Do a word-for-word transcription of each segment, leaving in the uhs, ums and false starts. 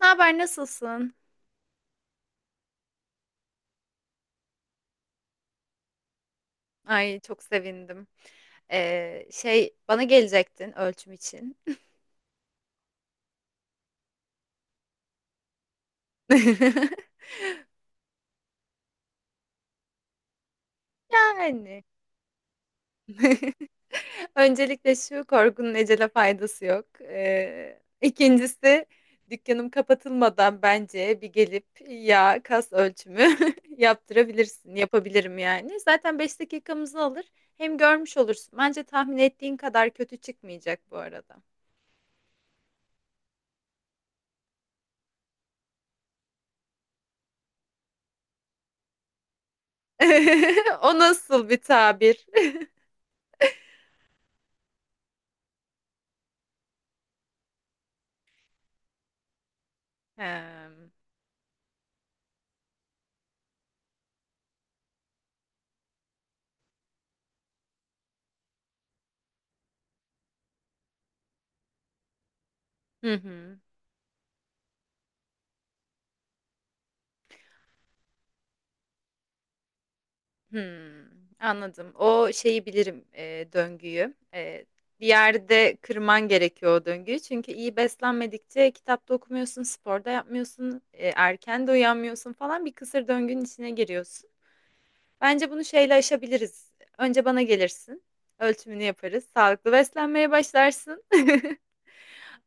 Ne haber, nasılsın? Ay çok sevindim. Ee, şey bana gelecektin ölçüm için. Yani. Öncelikle şu korkunun ecele faydası yok. Ee, ikincisi dükkanım kapatılmadan bence bir gelip ya kas ölçümü yaptırabilirsin. Yapabilirim yani. Zaten beş dakikamızı alır. Hem görmüş olursun. Bence tahmin ettiğin kadar kötü çıkmayacak bu arada. O nasıl bir tabir? Hemm. Hı hı. Hımm. Anladım. O şeyi bilirim, eee, döngüyü. Eee, bir yerde kırman gerekiyor o döngüyü. Çünkü iyi beslenmedikçe kitap da okumuyorsun, spor da yapmıyorsun, eee, erken de uyanmıyorsun falan. Bir kısır döngünün içine giriyorsun. Bence bunu şeyle aşabiliriz. Önce bana gelirsin, ölçümünü yaparız, sağlıklı beslenmeye başlarsın.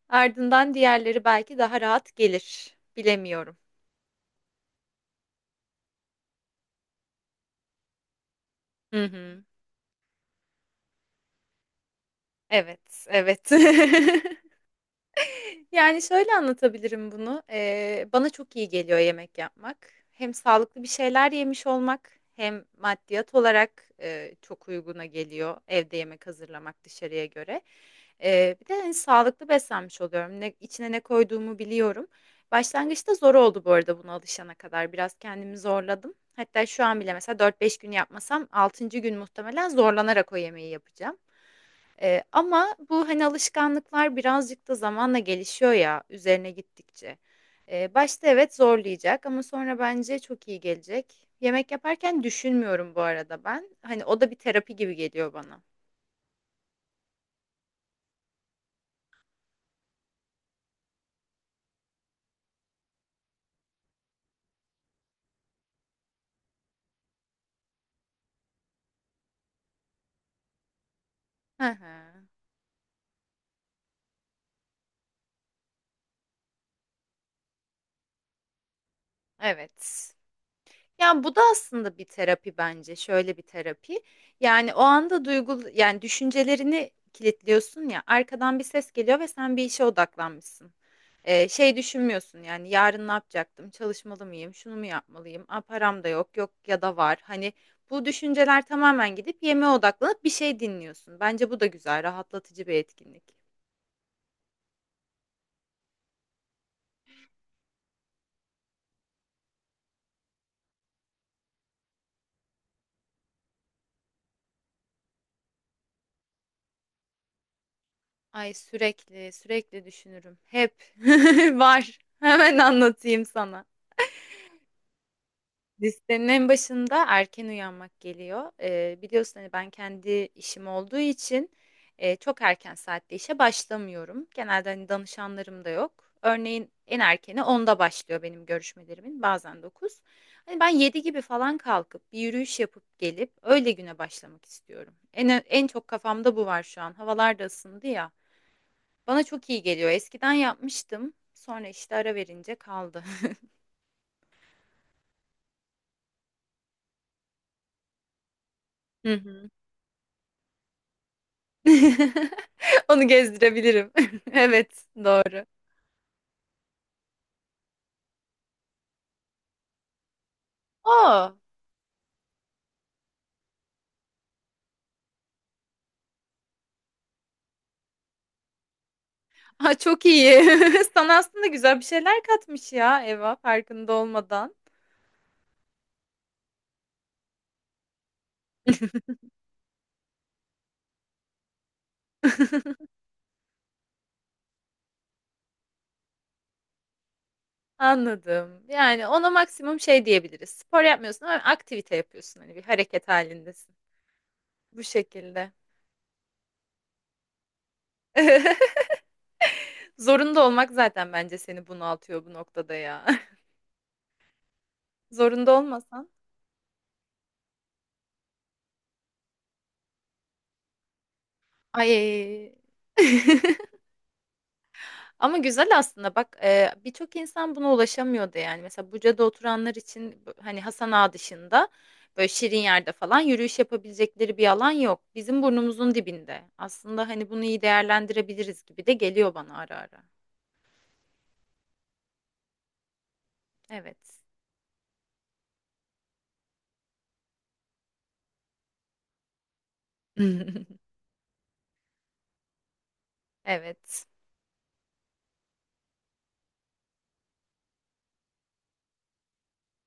Ardından diğerleri belki daha rahat gelir. Bilemiyorum. Hı hı. Evet, evet. Yani, şöyle anlatabilirim bunu. Eee, bana çok iyi geliyor yemek yapmak. Hem sağlıklı bir şeyler yemiş olmak hem maddiyat olarak, eee, çok uyguna geliyor evde yemek hazırlamak dışarıya göre. Eee, bir de, hani, sağlıklı beslenmiş oluyorum. Ne içine ne koyduğumu biliyorum. Başlangıçta zor oldu bu arada buna alışana kadar. Biraz kendimi zorladım. Hatta şu an bile mesela dört beş gün yapmasam altıncı gün muhtemelen zorlanarak o yemeği yapacağım. Eee, ama bu, hani, alışkanlıklar birazcık da zamanla gelişiyor ya üzerine gittikçe. Eee, başta evet zorlayacak ama sonra bence çok iyi gelecek. Yemek yaparken düşünmüyorum bu arada ben. Hani, o da bir terapi gibi geliyor bana. Hı hı. Evet. Ya bu da aslında bir terapi bence. Şöyle bir terapi. Yani o anda duygu yani düşüncelerini kilitliyorsun ya. Arkadan bir ses geliyor ve sen bir işe odaklanmışsın. Ee, şey düşünmüyorsun yani yarın ne yapacaktım? Çalışmalı mıyım? Şunu mu yapmalıyım? Aa, param da yok. Yok ya da var. Hani bu düşünceler tamamen gidip yemeğe odaklanıp bir şey dinliyorsun. Bence bu da güzel, rahatlatıcı bir etkinlik. Ay sürekli sürekli düşünürüm. Hep var. Hemen anlatayım sana. Listenin en başında erken uyanmak geliyor. Eee, biliyorsun hani ben kendi işim olduğu için eee, çok erken saatte işe başlamıyorum. Genelde hani danışanlarım da yok. Örneğin en erkeni onda başlıyor benim görüşmelerimin bazen dokuz. Hani ben yedi gibi falan kalkıp bir yürüyüş yapıp gelip öyle güne başlamak istiyorum. En, ö- en çok kafamda bu var şu an. Havalar da ısındı ya. Bana çok iyi geliyor. Eskiden yapmıştım. Sonra işte ara verince kaldı. Onu gezdirebilirim. Evet, doğru. Aa, ha, çok iyi. Sana aslında güzel bir şeyler katmış ya Eva farkında olmadan. Anladım. Yani ona maksimum şey diyebiliriz. Spor yapmıyorsun ama aktivite yapıyorsun. Hani bir hareket halindesin. Bu şekilde. Zorunda olmak zaten bence seni bunaltıyor bu noktada ya. Zorunda olmasan. Ay. Ama güzel aslında bak eee, birçok insan buna ulaşamıyordu yani. Mesela Buca'da oturanlar için b- hani Hasan Ağa dışında böyle şirin yerde falan yürüyüş yapabilecekleri bir alan yok. Bizim burnumuzun dibinde. Aslında hani bunu iyi değerlendirebiliriz gibi de geliyor bana ara ara. Evet. Evet.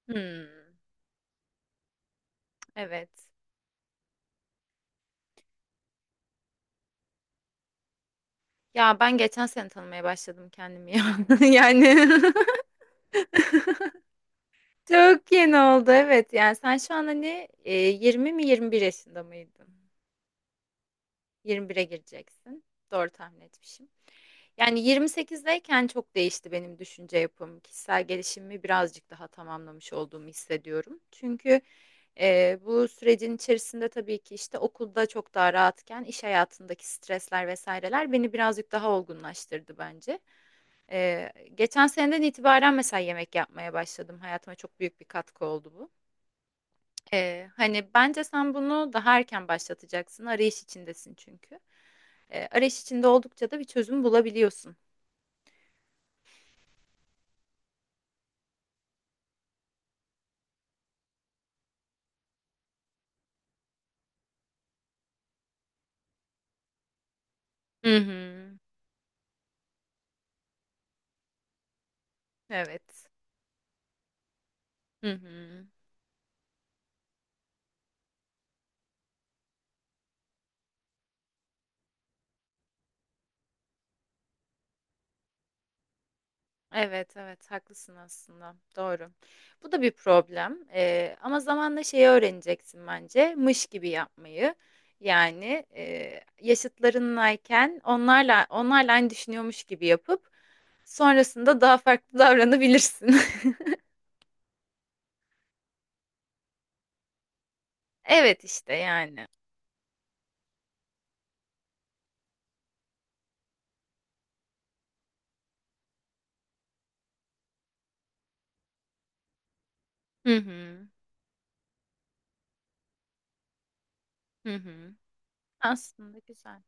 Hmm, evet. Ya ben geçen sene tanımaya başladım kendimi ya. Yani çok yeni oldu evet. Yani sen şu an hani e, yirmi mi yirmi bir yaşında mıydın? yirmi bire gireceksin. Doğru tahmin etmişim. Yani yirmi sekizdeyken çok değişti benim düşünce yapım. Kişisel gelişimimi birazcık daha tamamlamış olduğumu hissediyorum. Çünkü e, bu sürecin içerisinde tabii ki işte okulda çok daha rahatken iş hayatındaki stresler vesaireler beni birazcık daha olgunlaştırdı bence. E, Geçen seneden itibaren mesela yemek yapmaya başladım. Hayatıma çok büyük bir katkı oldu bu. E, hani bence sen bunu daha erken başlatacaksın. Arayış içindesin çünkü e, arayış içinde oldukça da bir çözüm bulabiliyorsun. Hı hı. Evet. Hı hı. Evet, evet, haklısın aslında. Doğru. Bu da bir problem. Ee, ama zamanla şeyi öğreneceksin bence. Mış gibi yapmayı. Yani e, yaşıtlarınlayken onlarla onlarla aynı düşünüyormuş gibi yapıp sonrasında daha farklı davranabilirsin. Evet işte yani. Hı hı. Hı hı. Aslında güzel.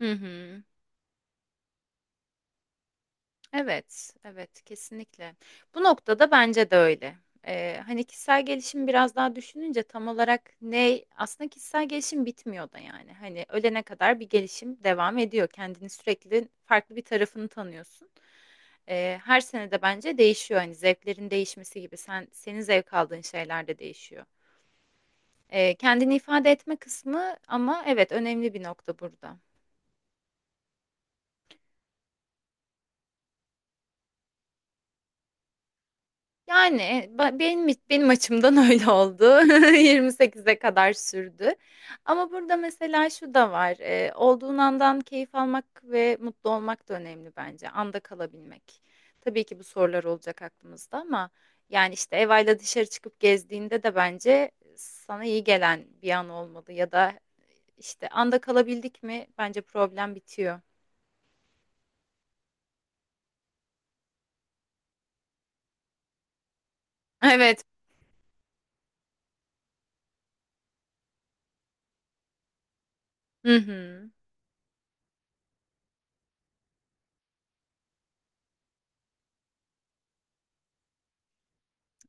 Hı hı. Evet, evet kesinlikle. Bu noktada bence de öyle. Ee, hani kişisel gelişim biraz daha düşününce tam olarak ne aslında kişisel gelişim bitmiyor da yani. Hani ölene kadar bir gelişim devam ediyor. Kendini sürekli farklı bir tarafını tanıyorsun. Ee, her sene de bence değişiyor. Hani zevklerin değişmesi gibi sen senin zevk aldığın şeyler de değişiyor. Ee, kendini ifade etme kısmı ama evet önemli bir nokta burada. Yani e, ba- benim benim açımdan öyle oldu. yirmi sekize kadar sürdü. Ama burada mesela şu da var. E, olduğun andan keyif almak ve mutlu olmak da önemli bence. Anda kalabilmek. Tabii ki bu sorular olacak aklımızda ama yani işte Eva'yla dışarı çıkıp gezdiğinde de bence sana iyi gelen bir an olmalı ya da işte anda kalabildik mi bence problem bitiyor. Evet. Hı hı.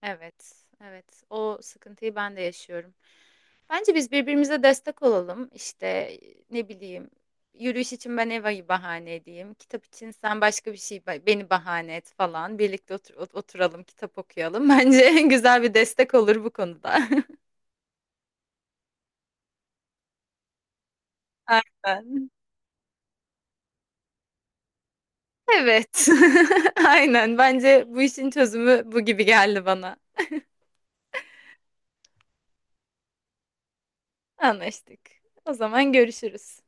Evet, evet. O sıkıntıyı ben de yaşıyorum. Bence biz birbirimize destek olalım. İşte e, ne bileyim, yürüyüş için ben Eva'yı bahane edeyim. Kitap için sen başka bir şey ba- beni bahane et falan. Birlikte otur- ot- oturalım, kitap okuyalım. Bence güzel bir destek olur bu konuda. Aynen. Evet. Aynen. Bence bu işin çözümü bu gibi geldi bana. Anlaştık. O zaman görüşürüz.